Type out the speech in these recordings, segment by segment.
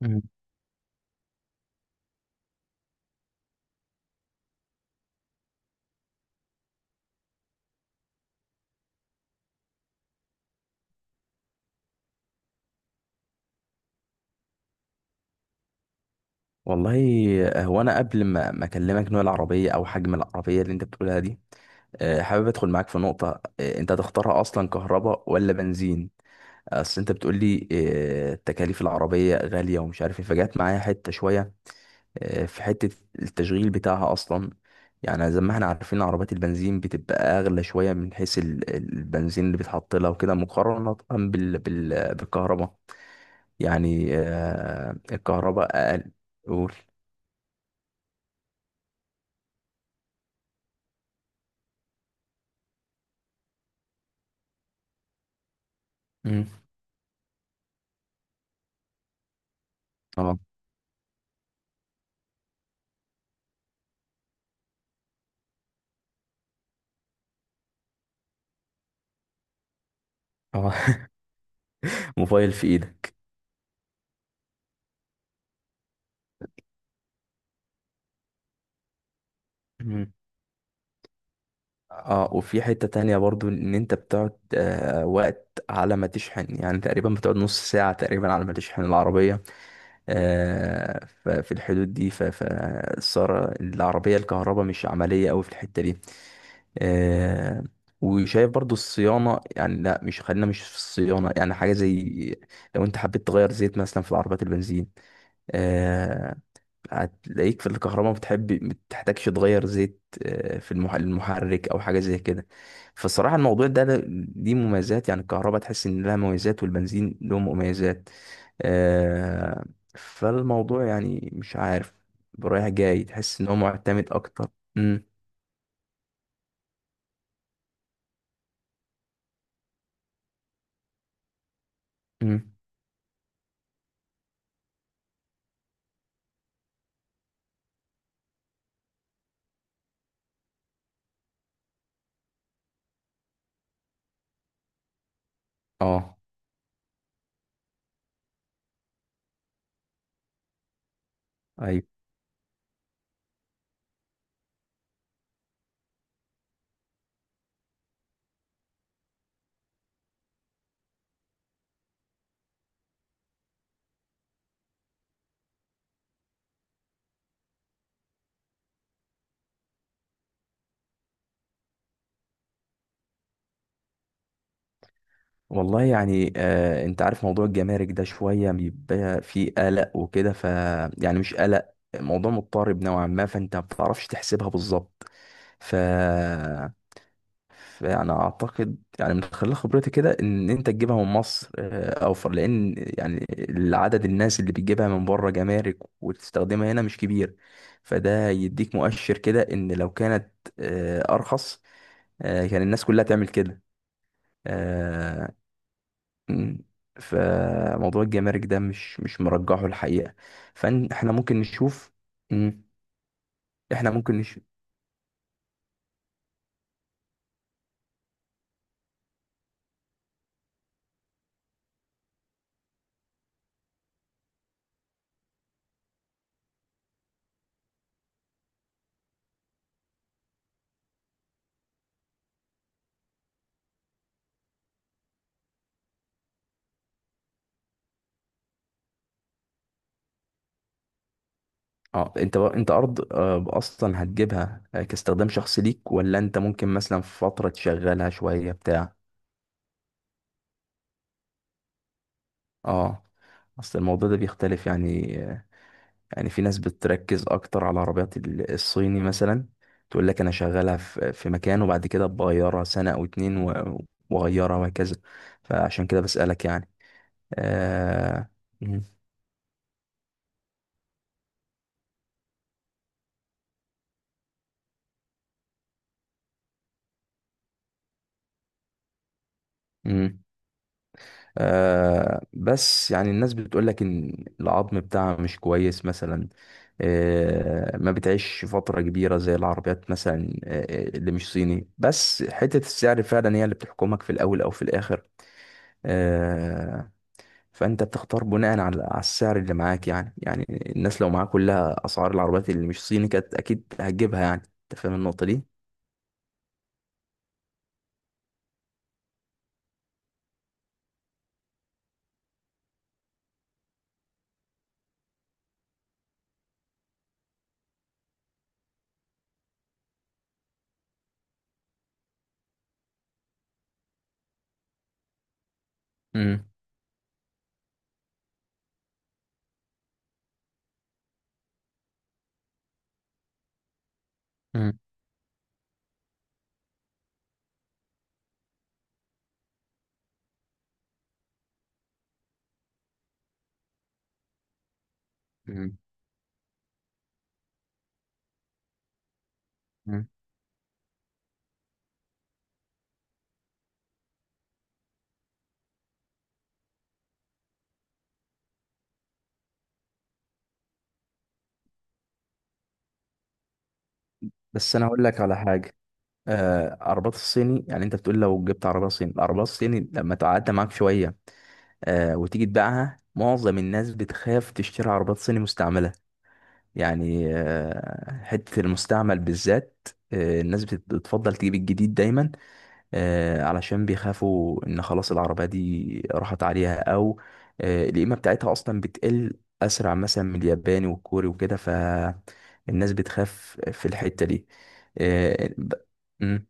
مم. والله، انا اكلمك نوع العربيه او حجم العربيه اللي انت بتقولها دي؟ حابب ادخل معاك في نقطه. انت هتختارها اصلا كهرباء ولا بنزين؟ اصل انت بتقول لي تكاليف العربيه غاليه ومش عارف ايه، فجات معايا حته شويه. في حته التشغيل بتاعها اصلا. يعني زي ما احنا عارفين، عربيات البنزين بتبقى اغلى شويه من حيث البنزين اللي بيتحط لها وكده، مقارنه بال بالكهرباء. يعني الكهرباء اقل. قول. مم. اه، اه. موبايل في ايدك. مم. اه، وفي حتة تانية برضو ان انت بتقعد وقت على ما تشحن، يعني تقريبا بتقعد نص ساعة تقريبا على ما تشحن العربية. ففي الحدود دي، فالسارة العربية الكهرباء مش عملية اوي في الحتة دي. آه وشايف برضو الصيانة، يعني لا، مش، خلينا مش في الصيانة. يعني حاجة زي لو انت حبيت تغير زيت مثلا في العربيات البنزين، آه، هتلاقيك في الكهرباء بتحب ما بتحتاجش تغير زيت في المحرك او حاجه زي كده. فالصراحه، الموضوع ده دي مميزات، يعني الكهرباء تحس ان لها مميزات والبنزين له مميزات. آه، فالموضوع يعني مش عارف، رايح جاي تحس ان هو معتمد اكتر. امم، امم. اه. أيوه. والله يعني، انت عارف موضوع الجمارك ده شوية بيبقى فيه قلق وكده، يعني مش قلق، موضوع مضطرب نوعا ما، فانت ما بتعرفش تحسبها بالظبط. ف فانا اعتقد يعني من خلال خبرتي كده ان انت تجيبها من مصر اوفر، لان يعني العدد الناس اللي بتجيبها من بره جمارك وتستخدمها هنا مش كبير. فده يديك مؤشر كده ان لو كانت ارخص، كان الناس كلها تعمل كده. آه، مم. فموضوع الجمارك ده مش مرجحه الحقيقة. فاحنا ممكن نشوف. مم. احنا ممكن نشوف. اه، انت ارض، اصلا هتجيبها كاستخدام شخصي ليك، ولا انت ممكن مثلا في فترة تشغلها شوية بتاع؟ اه. اصل الموضوع ده بيختلف، يعني يعني في ناس بتركز اكتر على عربيات الصيني مثلا. تقول لك انا شغالها في مكان وبعد كده بغيرها سنة او اتنين واغيرها وهكذا. فعشان كده بسألك، يعني. آه. مم. مم. بس يعني الناس بتقول لك ان العظم بتاعها مش كويس مثلا. ما بتعيش فترة كبيرة زي العربيات مثلا، اللي مش صيني، بس حتة السعر فعلا هي اللي بتحكمك في الاول او في الاخر. آه فانت بتختار بناء على السعر اللي معاك، يعني الناس لو معاك كلها اسعار العربيات اللي مش صيني كانت اكيد هتجيبها. يعني انت فاهم النقطة دي؟ مم. مم. مم. مم. بس انا اقول لك على حاجة. عربات الصيني، يعني انت بتقول لو جبت عربيه صيني، العربيه الصيني لما تعدي معاك شويه وتيجي تبيعها، معظم الناس بتخاف تشتري عربيات صيني مستعمله. يعني حته المستعمل بالذات، الناس بتفضل تجيب الجديد دايما علشان بيخافوا ان خلاص العربيه دي راحت عليها، او القيمه بتاعتها اصلا بتقل اسرع مثلا من الياباني والكوري وكده. فالناس بتخاف في الحته دي. آه ب... مم.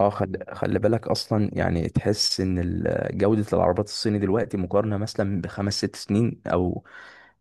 اه، خلي بالك اصلا، يعني تحس ان جودة العربيات الصيني دلوقتي مقارنة مثلا بخمس ست سنين، او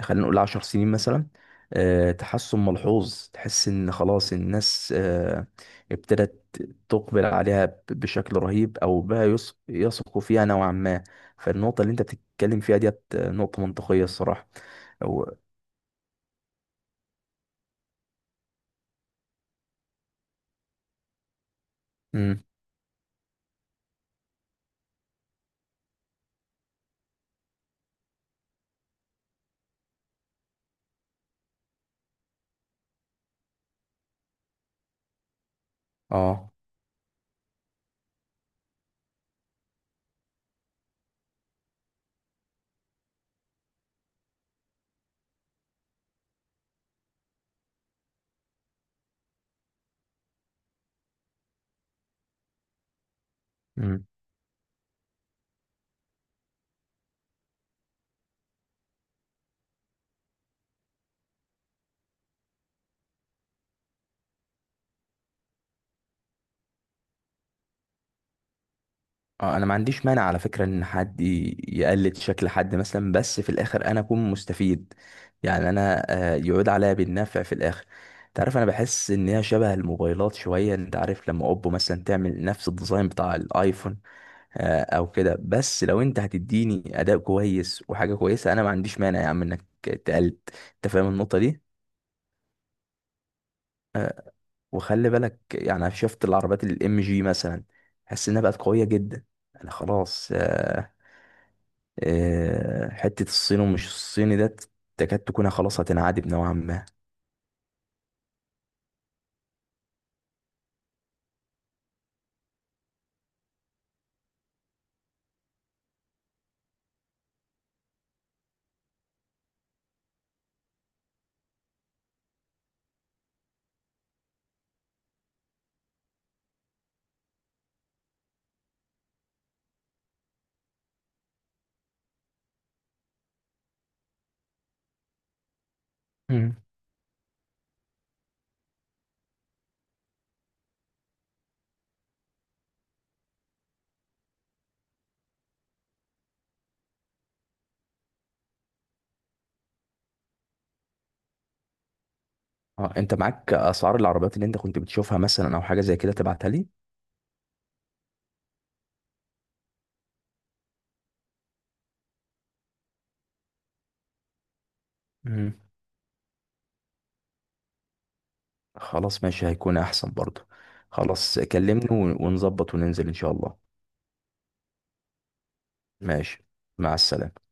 خلينا نقول 10 سنين مثلا. تحسن ملحوظ، تحس ان خلاص الناس ابتدت تقبل عليها بشكل رهيب، او بقى يثقوا فيها نوعا ما. فالنقطة اللي انت بتتكلم فيها ديت نقطة منطقية الصراحة. او مم، اه، اه. انا ما عنديش مانع على فكرة ان حد يقلد شكل حد مثلا، بس في الاخر انا اكون مستفيد، يعني انا، يعود عليا بالنفع في الاخر. تعرف، انا بحس ان هي شبه الموبايلات شوية. انت عارف لما اوبو مثلا تعمل نفس الديزاين بتاع الايفون، او كده. بس لو انت هتديني اداء كويس وحاجة كويسة، انا ما عنديش مانع يا عم انك تقلد. انت فاهم النقطة دي؟ وخلي بالك، يعني أنا شفت العربيات MG مثلا، حس انها بقت قوية جدا. انا خلاص، حتة الصين ومش الصيني ده تكاد تكون خلاص هتنعدم نوعا ما. مم. اه، انت معاك اسعار العربيات اللي انت كنت بتشوفها مثلا او حاجة زي كده، تبعتها لي؟ مم. خلاص، ماشي، هيكون احسن برضه. خلاص، كلمني ونظبط وننزل ان شاء الله. ماشي. مع السلامة.